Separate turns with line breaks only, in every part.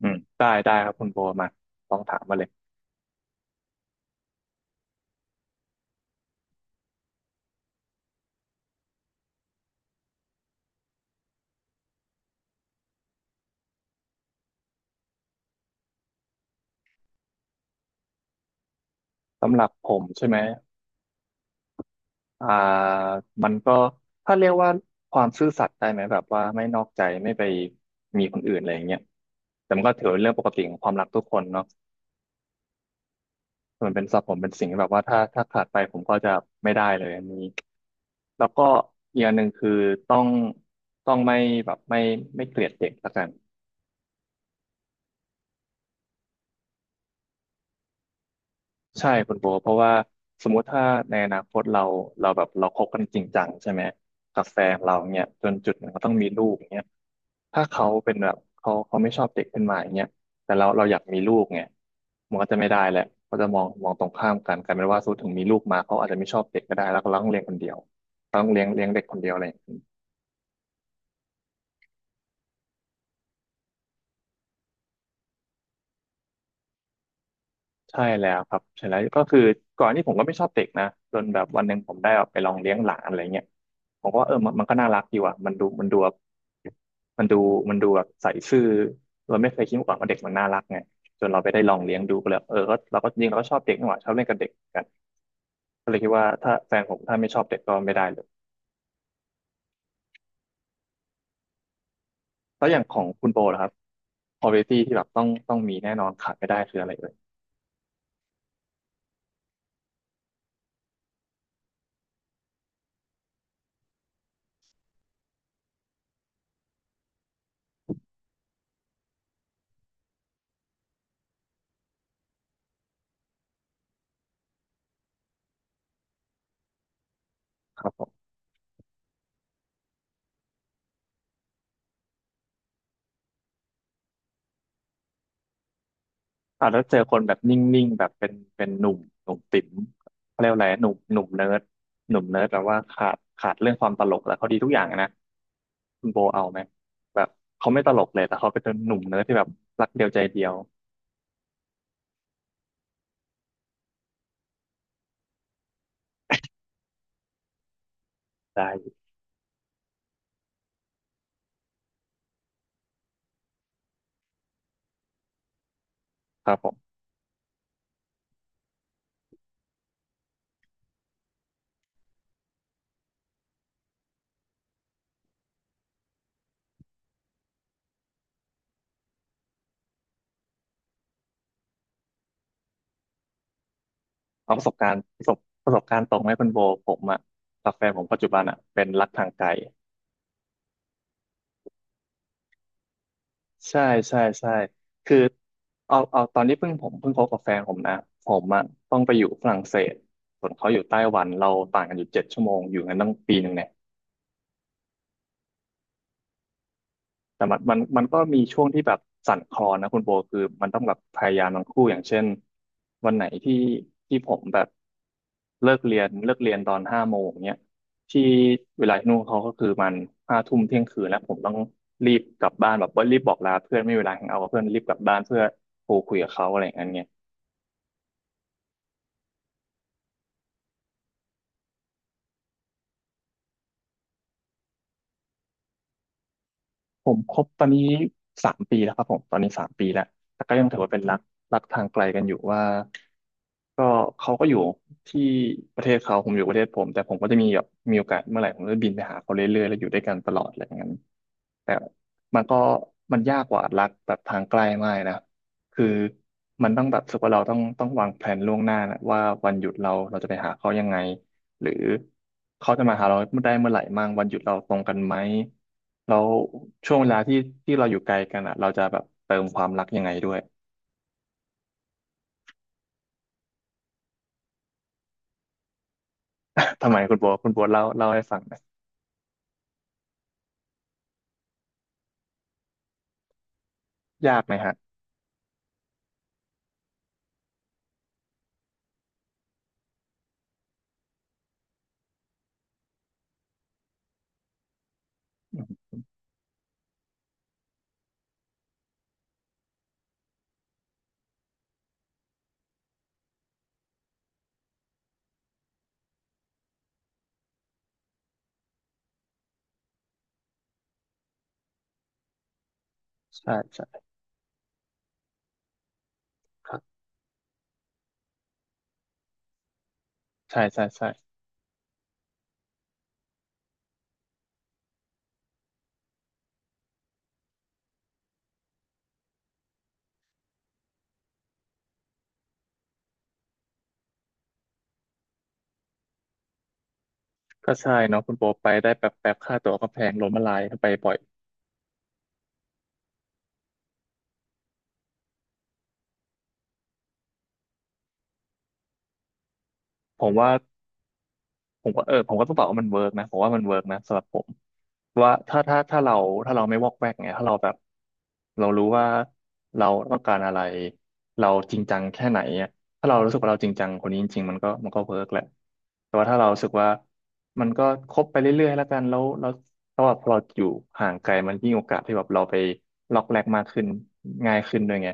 อืมได้ครับคุณโบมาลองถามมาเลยสำหรับผมใช่ไหมอ่ามันก็ถ้าเรียกว่าความซื่อสัตย์ได้ไหมแบบว่าไม่นอกใจไม่ไปมีคนอื่นอะไรอย่างเงี้ยแต่มันก็ถือเป็นเรื่องปกติของความรักทุกคนเนาะมันเป็นสับผมเป็นสิ่งที่แบบว่าถ้าขาดไปผมก็จะไม่ได้เลยอันนี้แล้วก็อีกอย่างหนึ่งคือต้องต้องไม่แบบไม่ไม่เกลียดเด็กละกัน ใช่คุณโบเพราะว่าสมมุติถ้าในอนาคตเราคบกันจริงจังใช่ไหมกับแฟนเราเนี่ยจนจุดหนึ่งก็ต้องมีลูกเนี่ยถ้าเขาเป็นแบบเขาไม่ชอบเด็กขึ้นมาอย่างเงี้ยแต่เราอยากมีลูกไงมันก็จะไม่ได้แหละเขาจะมองตรงข้ามกันกลายเป็นว่าสมมติถึงมีลูกมาเขาอาจจะไม่ชอบเด็กก็ได้แล้วก็เราต้องเลี้ยงคนเดียวเราต้องเลี้ยงเด็กคนเดียวอะไรอย่างเงี้ย ใช่แล้วครับใช่แล้วก็คือก่อนที่ผมก็ไม่ชอบเด็กนะจนแบบวันหนึ่งผมได้แบบไปลองเลี้ยงหลานอะไรเงี้ยผมก็ว่าเออมันก็น่ารักดีว่ะมันดูมันดูแบบมันดูมันดูแบบใส่ซื่อเราไม่เคยคิดมาก่อนว่าเด็กมันน่ารักไงจนเราไปได้ลองเลี้ยงดูก็เลยก็เราก็ชอบเด็กนี่หว่าชอบเล่นกับเด็กกันก็เลยคิดว่าถ้าแฟนผมถ้าไม่ชอบเด็กก็ไม่ได้เลยแล้วอย่างของคุณโบล่ะครับ quality ที่แบบต้องมีแน่นอนขาดไม่ได้คืออะไรเอ่ยครับ แล้วเจอคนแบบนิ่งๆแบบเป็นหนุ่มติ๋มเขาเรียกว่าอะไรหนุ่มเนิร์ดหนุ่มเนิร์ดแปลว่าขาดเรื่องความตลกแล้วเขาดีทุกอย่างอะนะคุณโบเอาไหมแบบเขาไม่ตลกเลยแต่เขาเป็นหนุ่มเนิร์ดที่แบบรักเดียวใจเดียวได้ครับผมเอาประสบการณ์ประสบการณ์ตรงไหมคุณโบผมอะกับแฟนผมปัจจุบันอะเป็นรักทางไกล ใช่ใช่ใช่คือเอาตอนที่เพิ่งผมเพิ่งคบกับแฟนผมนะ ผมอะต้องไปอยู่ฝรั่งเศสส่วนเขาอยู่ไต้หวันเราต่างกันอยู่7 ชั่วโมงอยู่กันตั้ง1 ปีเนี่ย แต่มันก็มีช่วงที่แบบสั่นคลอนนะคุณโบคือมันต้องแบบพยายามทั้งคู่อย่างเช่นวันไหนที่ผมแบบเลิกเรียนตอน5 โมงเนี้ยที่เวลาที่นู่นเขาก็คือมัน5 ทุ่มเที่ยงคืนแล้วผมต้องรีบกลับบ้านแบบว่ารีบบอกลาเพื่อนไม่มีเวลาแฮงเอาท์กับเพื่อนรีบกลับบ้านเพื่อโทรคุยกับเขาอะไรอย่างเงี้ย ผมคบตอนนี้3 ปีแล้วครับผมตอนนี้สามปีแล้วแต่ก็ยังถือว่าเป็นรักทางไกลกันอยู่ว่าก็เขาก็อยู่ที่ประเทศเขาผมอยู่ประเทศผมแต่ผมก็จะแบบมีโอกาสเมื่อไหร่ผมก็จะบินไปหาเขาเรื่อยๆแล้วอยู่ด้วยกันตลอดอะไรอย่างนั้น แต่มันก็มันยากกว่ารักแบบทางใกลมากเนะคือมันต้องแบบรู้สึกว่าเราต้องวางแผนล่วงหน้านะว่าวันหยุดเราจะไปหาเขายังไงหรือเขาจะมาหาเราได้เมื่อไหร่มั่งวันหยุดเราตรงกันไหมแล้วช่วงเวลาที่เราอยู่ไกลกันอ่ะเราจะแบบเติมความรักยังไงด้วย ทำไมคุณโบวเล่าให้ฟังหนะยากไหมฮะอืมใช่ใช่ครับใช่ใช่ใช่ก็ใช่เนาะคุณโบไปได้แป๊บแป๊บค่าตั๋วก็แพงล้มละลายไปบ่อยผมว่า ผมก็ต้องตอบว่ามันเวิร์กนะผมว่ามันเวิร์กนะสำหรับผมว่าถ้าเราไม่วอกแวกไงถ้าเราแบบเรารู้ว่าเราต้องการอะไรเราจริงจังแค่ไหนอะถ้าเรารู้สึกว่าเราจริงจังคนนี้จริงๆมันก็เวิร์กแหละแต่ว่าถ้าเรารู้สึกว่ามันก็คบไปเรื่อยๆแล้วกันแล้วแบบพอเราอยู่ห่างไกลมันยิ่งโอกาสที่แบบเราไปล็อกแรกมากขึ้นง่ายขึ้นด้วยไง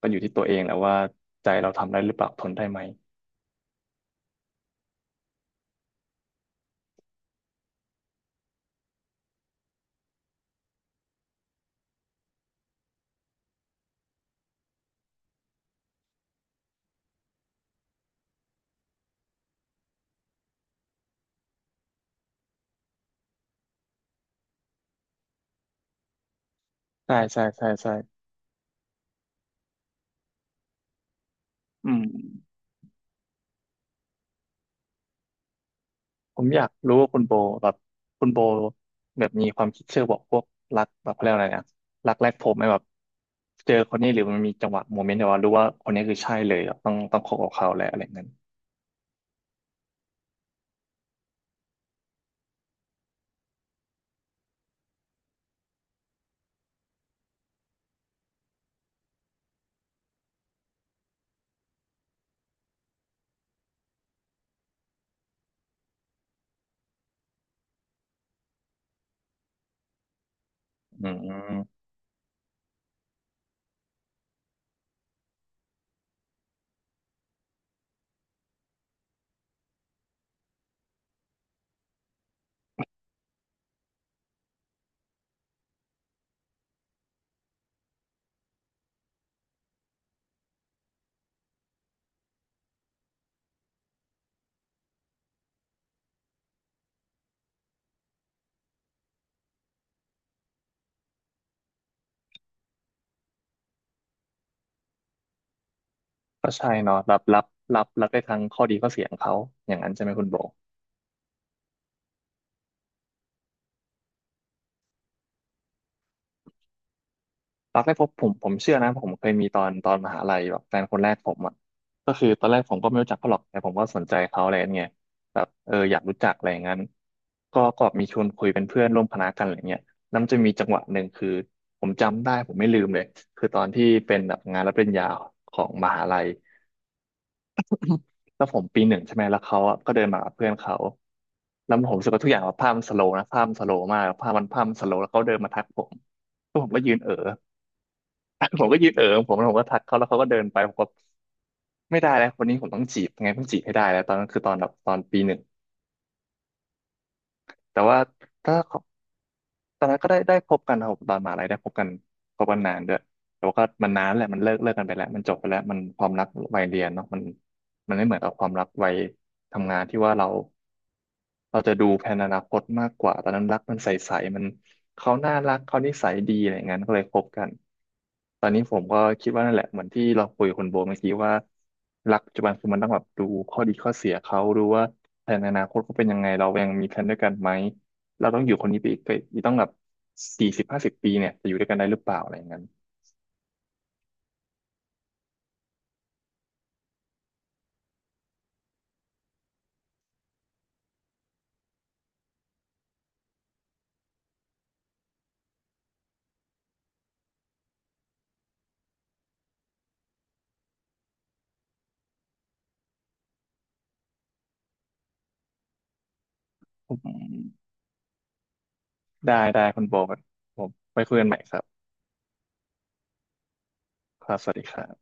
ก็อยู่ที่ตัวเองแหละว่าใจเราทำได้หรือเปล่าทนได้ไหมใช่ใช่ใช่ใช่อืม ผมอยากรู้ว่าคุณโบแบบคุณโบแบบมีความคิดเชื่อบอกพวกรักแบบเขาเรียกอะไรนะรักแรกพบไหมแบบเจอคนนี้หรือมันมีจังหวะโมเมนต์แบบว่ารู้ว่าคนนี้คือใช่เลยแบบต้องคบกับเขาแล้วอะไรเงี้ยอืมก็ใช่เนาะแบบรับรับได้ทั้งข้อดีข้อเสียของเขาอย่างนั้นใช่ไหมคุณโบ รักแรกพบผมเชื่อนะผมเคยมีตอนมหาลัยแบบแฟนคนแรกผมอ่ะก็คือตอนแรกผมก็ไม่รู้จักเขาหรอกแต่ผมก็สนใจเขาอะไรเงี้ยแบบอยากรู้จักอะไรอย่างนั้นก็มีชวนคุยเป็นเพื่อนร่วมคณะกันอะไรเงี้ยแล้วมันจะมีจังหวะหนึ่งคือผมจำได้ผมไม่ลืมเลยคือตอนที่เป็นแบบงานรับปริญญาของมหาลัยแล้วผมปีหนึ่งใช่ไหมแล้วเขาอะก็เดินมากับเพื่อนเขาแล้วผมรู้สึกว่าทุกอย่างแบบภาพมันสโลว์นะภาพมันสโลว์มากภาพมันสโลว์แล้วเขาเดินมาทักผมแล้วผมก็ยืนเอ๋อ ผมก็ยืนเอ๋อของผมแล้วผมก็ทักเขาแล้วเขาก็เดินไปผมก็ไม่ได้แล้วคนนี้ผมต้องจีบยังไงต้องจีบให้ได้แล้วตอนนั้นคือตอนแบบตอนปีหนึ่งแต่ว่าถ้าเขาตอนนั้นก็ได้พบกันครับตอนมหาลัยได้พบกันพบกันนานด้วยแต่ว่าก็มันนานแหละมันเลิกกันไปแล้วมันจบไปแล้วมันความรักวัยเรียนเนาะมันไม่เหมือนกับความรักวัยทำงานที่ว่าเรา เราจะดูแผนอนาคตมากกว่าตอนนั้นรักมันใสๆมันเขาน่ารักเขานิสัยดีอะไรอย่างนั้นก็เลยคบกันตอนนี้ผมก็คิดว่านั่นแหละเหมือนที่เราคุยกับคุณโบเมื่อกี้ว่ารักปัจจุบันคือมันต้องแบบดูข้อดีข้อเสียเขาดูว่าแผนอนาคตเขาเป็นยังไงเรายังมีแผนด้วยกันไหมเราต้องอยู่คนนี้ไปอีกไปอีกต้องแบบ40 50ปีเนี่ยจะอยู่ด้วยกันได้หรือเปล่าอะไรอย่างนั้นอืมได้คุณโบครับผมไปคุยกันใหม่ครับครับสวัสดีครับ